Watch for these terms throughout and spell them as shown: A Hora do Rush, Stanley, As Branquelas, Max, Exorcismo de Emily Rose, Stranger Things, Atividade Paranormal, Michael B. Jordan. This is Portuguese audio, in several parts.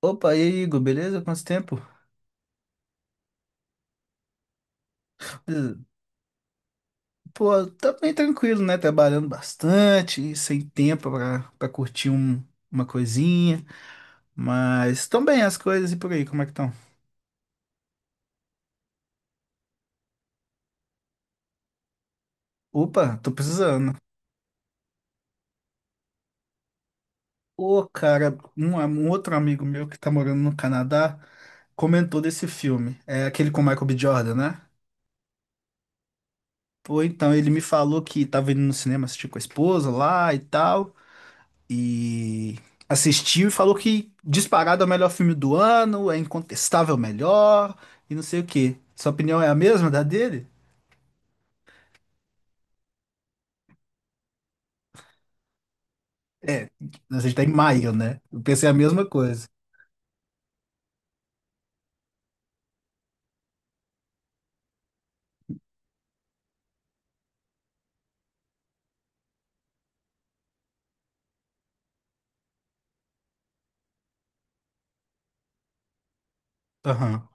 Opa, e aí, Igor, beleza? Quanto tempo? Pô, tá bem tranquilo, né? Trabalhando bastante, sem tempo pra curtir uma coisinha. Mas estão bem as coisas e por aí, como é que estão? Opa, tô precisando. Ô, cara, um outro amigo meu que tá morando no Canadá comentou desse filme. É aquele com o Michael B. Jordan, né? Pô, então, ele me falou que tava indo no cinema assistir com a esposa lá e tal. E assistiu e falou que disparado é o melhor filme do ano, é incontestável o melhor e não sei o quê. Sua opinião é a mesma da dele? É, a gente tá em maio, né? Eu pensei a mesma coisa. Aham,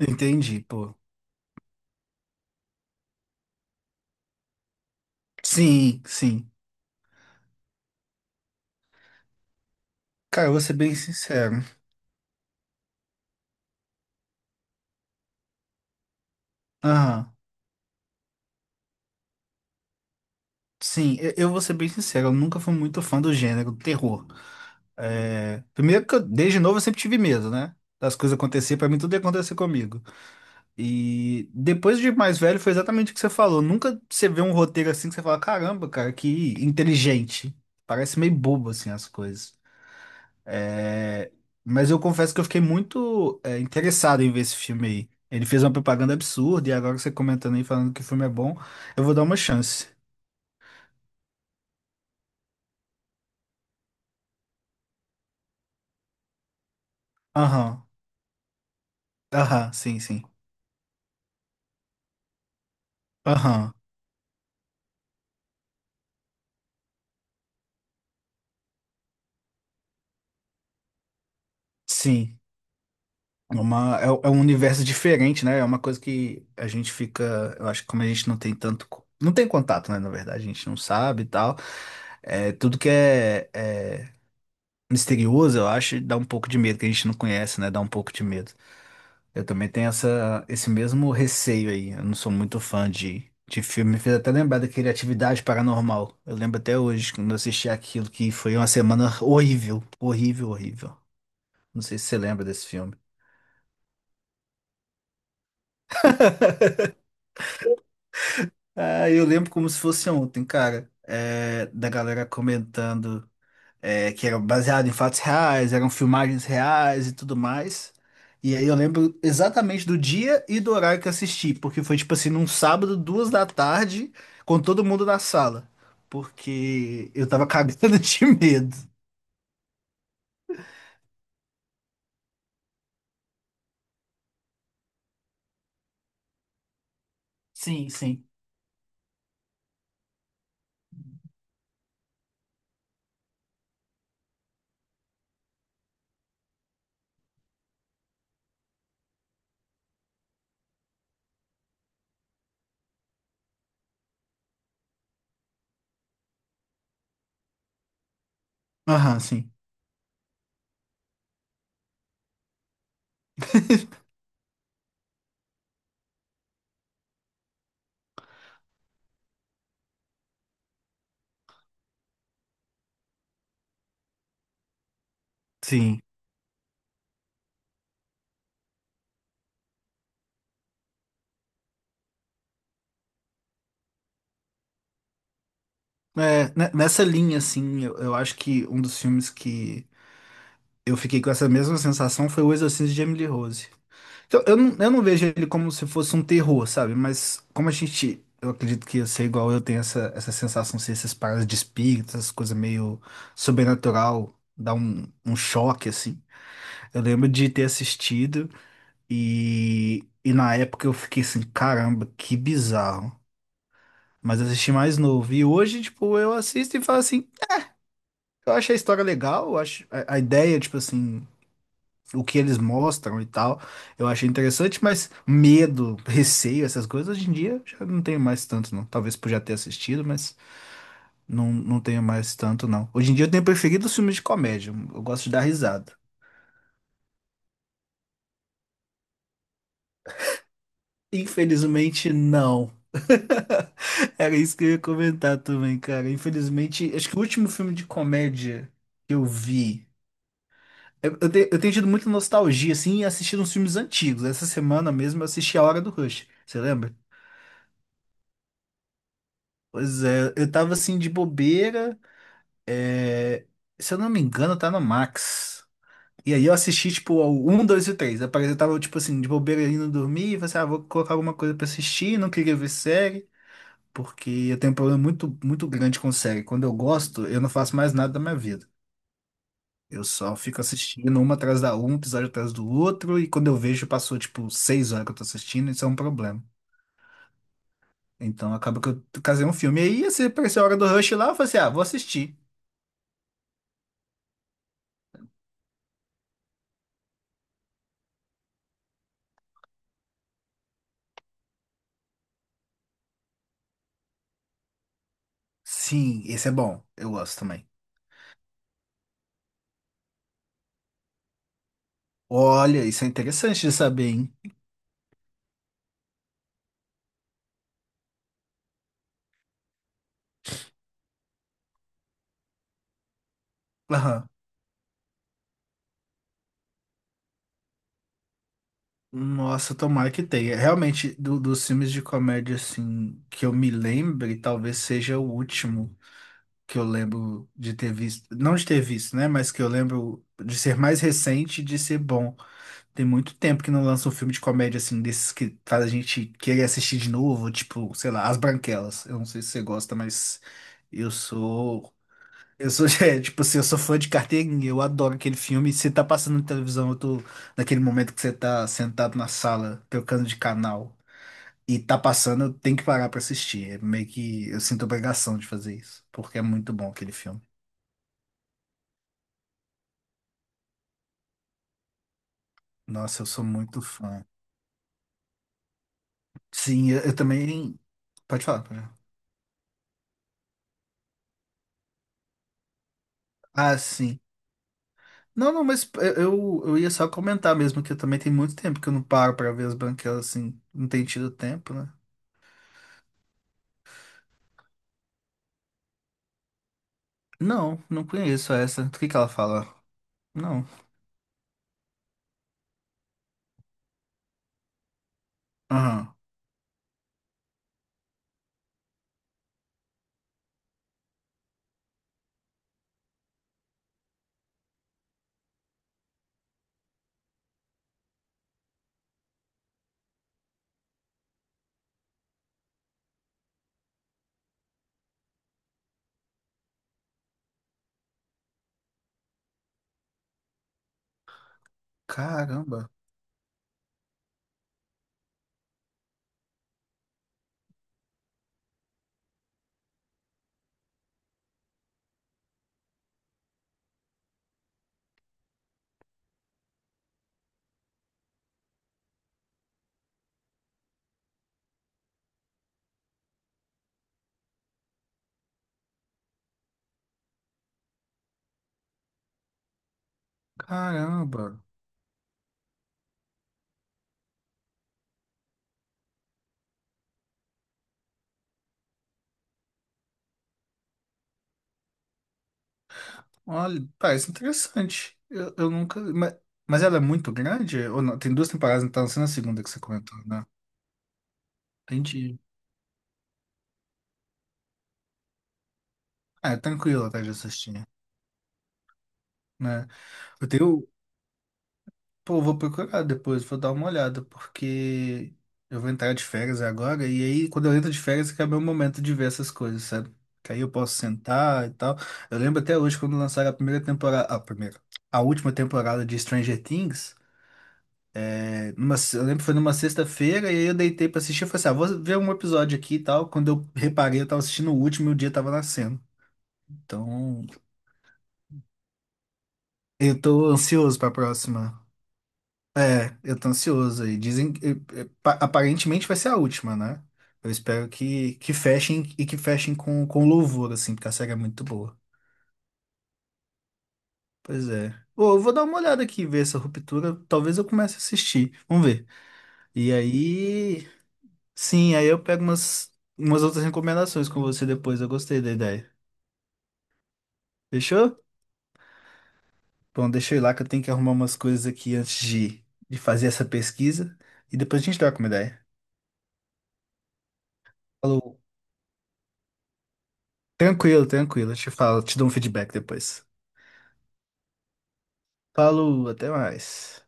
entendi, pô. Sim, sim. Cara, eu vou ser bem sincero. Aham. Sim, eu vou ser bem sincero, eu nunca fui muito fã do gênero terror. É, primeiro que eu, desde novo eu sempre tive medo, né? Das coisas acontecer, pra mim tudo ia acontecer comigo. E depois de mais velho, foi exatamente o que você falou. Nunca você vê um roteiro assim que você fala, caramba, cara, que inteligente. Parece meio bobo, assim, as coisas. É, mas eu confesso que eu fiquei muito interessado em ver esse filme aí. Ele fez uma propaganda absurda e agora você comentando aí, falando que o filme é bom, eu vou dar uma chance. Aham, aham, sim, sim. Aham, sim. É um universo diferente, né? É uma coisa que a gente fica. Eu acho que como a gente não tem tanto. Não tem contato, né? Na verdade, a gente não sabe e tal. É, tudo que é, é misterioso, eu acho, dá um pouco de medo, que a gente não conhece, né? Dá um pouco de medo. Eu também tenho essa, esse mesmo receio aí. Eu não sou muito fã de filme. Me fez até lembrar daquele Atividade Paranormal. Eu lembro até hoje, quando eu assisti aquilo, que foi uma semana horrível. Horrível, horrível. Não sei se você lembra desse filme. Ah, eu lembro como se fosse ontem, cara, é, da galera comentando é, que era baseado em fatos reais, eram filmagens reais e tudo mais. E aí eu lembro exatamente do dia e do horário que eu assisti, porque foi tipo assim, num sábado, duas da tarde, com todo mundo na sala, porque eu tava cagando de medo. Sim, sim. Aham, sim. Sim. É, ne- nessa linha, assim, eu acho que um dos filmes que eu fiquei com essa mesma sensação, foi o Exorcismo de Emily Rose. Então, eu não vejo ele como se fosse um terror, sabe? Mas como a gente, eu acredito que você, igual eu, tem essa sensação, se esses paradas de espírito, essas coisas meio sobrenatural, dá um choque, assim. Eu lembro de ter assistido e na época eu fiquei assim, caramba, que bizarro. Mas eu assisti mais novo. E hoje, tipo, eu assisto e falo assim, eu acho a história legal, eu acho a ideia, tipo assim o que eles mostram e tal, eu achei interessante, mas medo, receio, essas coisas, hoje em dia já não tenho mais tanto, não. Talvez por já ter assistido, mas não, não tenho mais tanto, não. Hoje em dia eu tenho preferido os filmes de comédia, eu gosto de dar risada. Infelizmente, não. Era isso que eu ia comentar também, cara. Infelizmente, acho que o último filme de comédia que eu vi. Eu tenho tido muita nostalgia, assim, e assistido uns filmes antigos. Essa semana mesmo eu assisti A Hora do Rush. Você lembra? Pois é, eu tava assim de bobeira. É, se eu não me engano, tá no Max. E aí eu assisti, tipo, ao 1, 2 e 3. Eu parei- eu tava, tipo assim, de bobeira indo dormir. E falei assim, ah, vou colocar alguma coisa pra assistir. Não queria ver série, porque eu tenho um problema muito, muito grande com série. Quando eu gosto, eu não faço mais nada da minha vida. Eu só fico assistindo uma atrás da um, um episódio atrás do outro. E quando eu vejo, passou, tipo, seis horas que eu tô assistindo. Isso é um problema. Então acaba que eu casei um filme. E aí, assim, apareceu a hora do Rush lá. Eu falei assim, ah, vou assistir. Sim, esse é bom. Eu gosto também. Olha, isso é interessante de saber, hein? Aham. Nossa, tomara que tenha. Realmente, dos filmes de comédia, assim, que eu me lembre, talvez seja o último que eu lembro de ter visto. Não de ter visto, né? Mas que eu lembro de ser mais recente e de ser bom. Tem muito tempo que não lança um filme de comédia, assim, desses que faz a gente querer assistir de novo, tipo, sei lá, As Branquelas. Eu não sei se você gosta, mas eu sou. Eu sou, é, tipo assim, eu sou fã de carteirinha, eu adoro aquele filme. Se tá passando na televisão, eu tô naquele momento que você tá sentado na sala, trocando de canal, e tá passando, eu tenho que parar pra assistir. É meio que eu sinto obrigação de fazer isso, porque é muito bom aquele filme. Nossa, eu sou muito fã. Sim, eu também. Pode falar, pode falar. Ah, sim. Não, não, mas eu ia só comentar mesmo que eu também tem muito tempo que eu não paro pra ver as branquelas assim. Não tem tido tempo, né? Não, não conheço essa. Do que ela fala? Não. Aham. Caramba, caramba. Olha, parece interessante. Eu nunca. Mas ela é muito grande? Ou não? Tem duas temporadas, então não sendo a segunda que você comentou, né? Entendi. Ah, é tranquilo até de assistir, né? Eu tenho. Pô, eu vou procurar depois, vou dar uma olhada, porque eu vou entrar de férias agora, e aí quando eu entro de férias, que é meu momento de ver essas coisas, sabe? Que aí eu posso sentar e tal. Eu lembro até hoje quando lançaram a primeira temporada. A primeira. A última temporada de Stranger Things. Numa, eu lembro que foi numa sexta-feira e aí eu deitei pra assistir. Eu falei assim, ah, vou ver um episódio aqui e tal. Quando eu reparei, eu tava assistindo o último e o dia tava nascendo. Então, eu tô ansioso pra próxima. É, eu tô ansioso aí. Dizem que aparentemente vai ser a última, né? Eu espero que fechem e que fechem com louvor, assim, porque a série é muito boa. Pois é. Ô, eu vou dar uma olhada aqui, ver essa ruptura. Talvez eu comece a assistir. Vamos ver. E aí, sim, aí eu pego umas outras recomendações com você depois. Eu gostei da ideia. Fechou? Bom, deixa eu ir lá que eu tenho que arrumar umas coisas aqui antes de fazer essa pesquisa. E depois a gente troca uma ideia. Falou. Tranquilo, tranquilo. Eu te falo, te dou um feedback depois. Falou, até mais.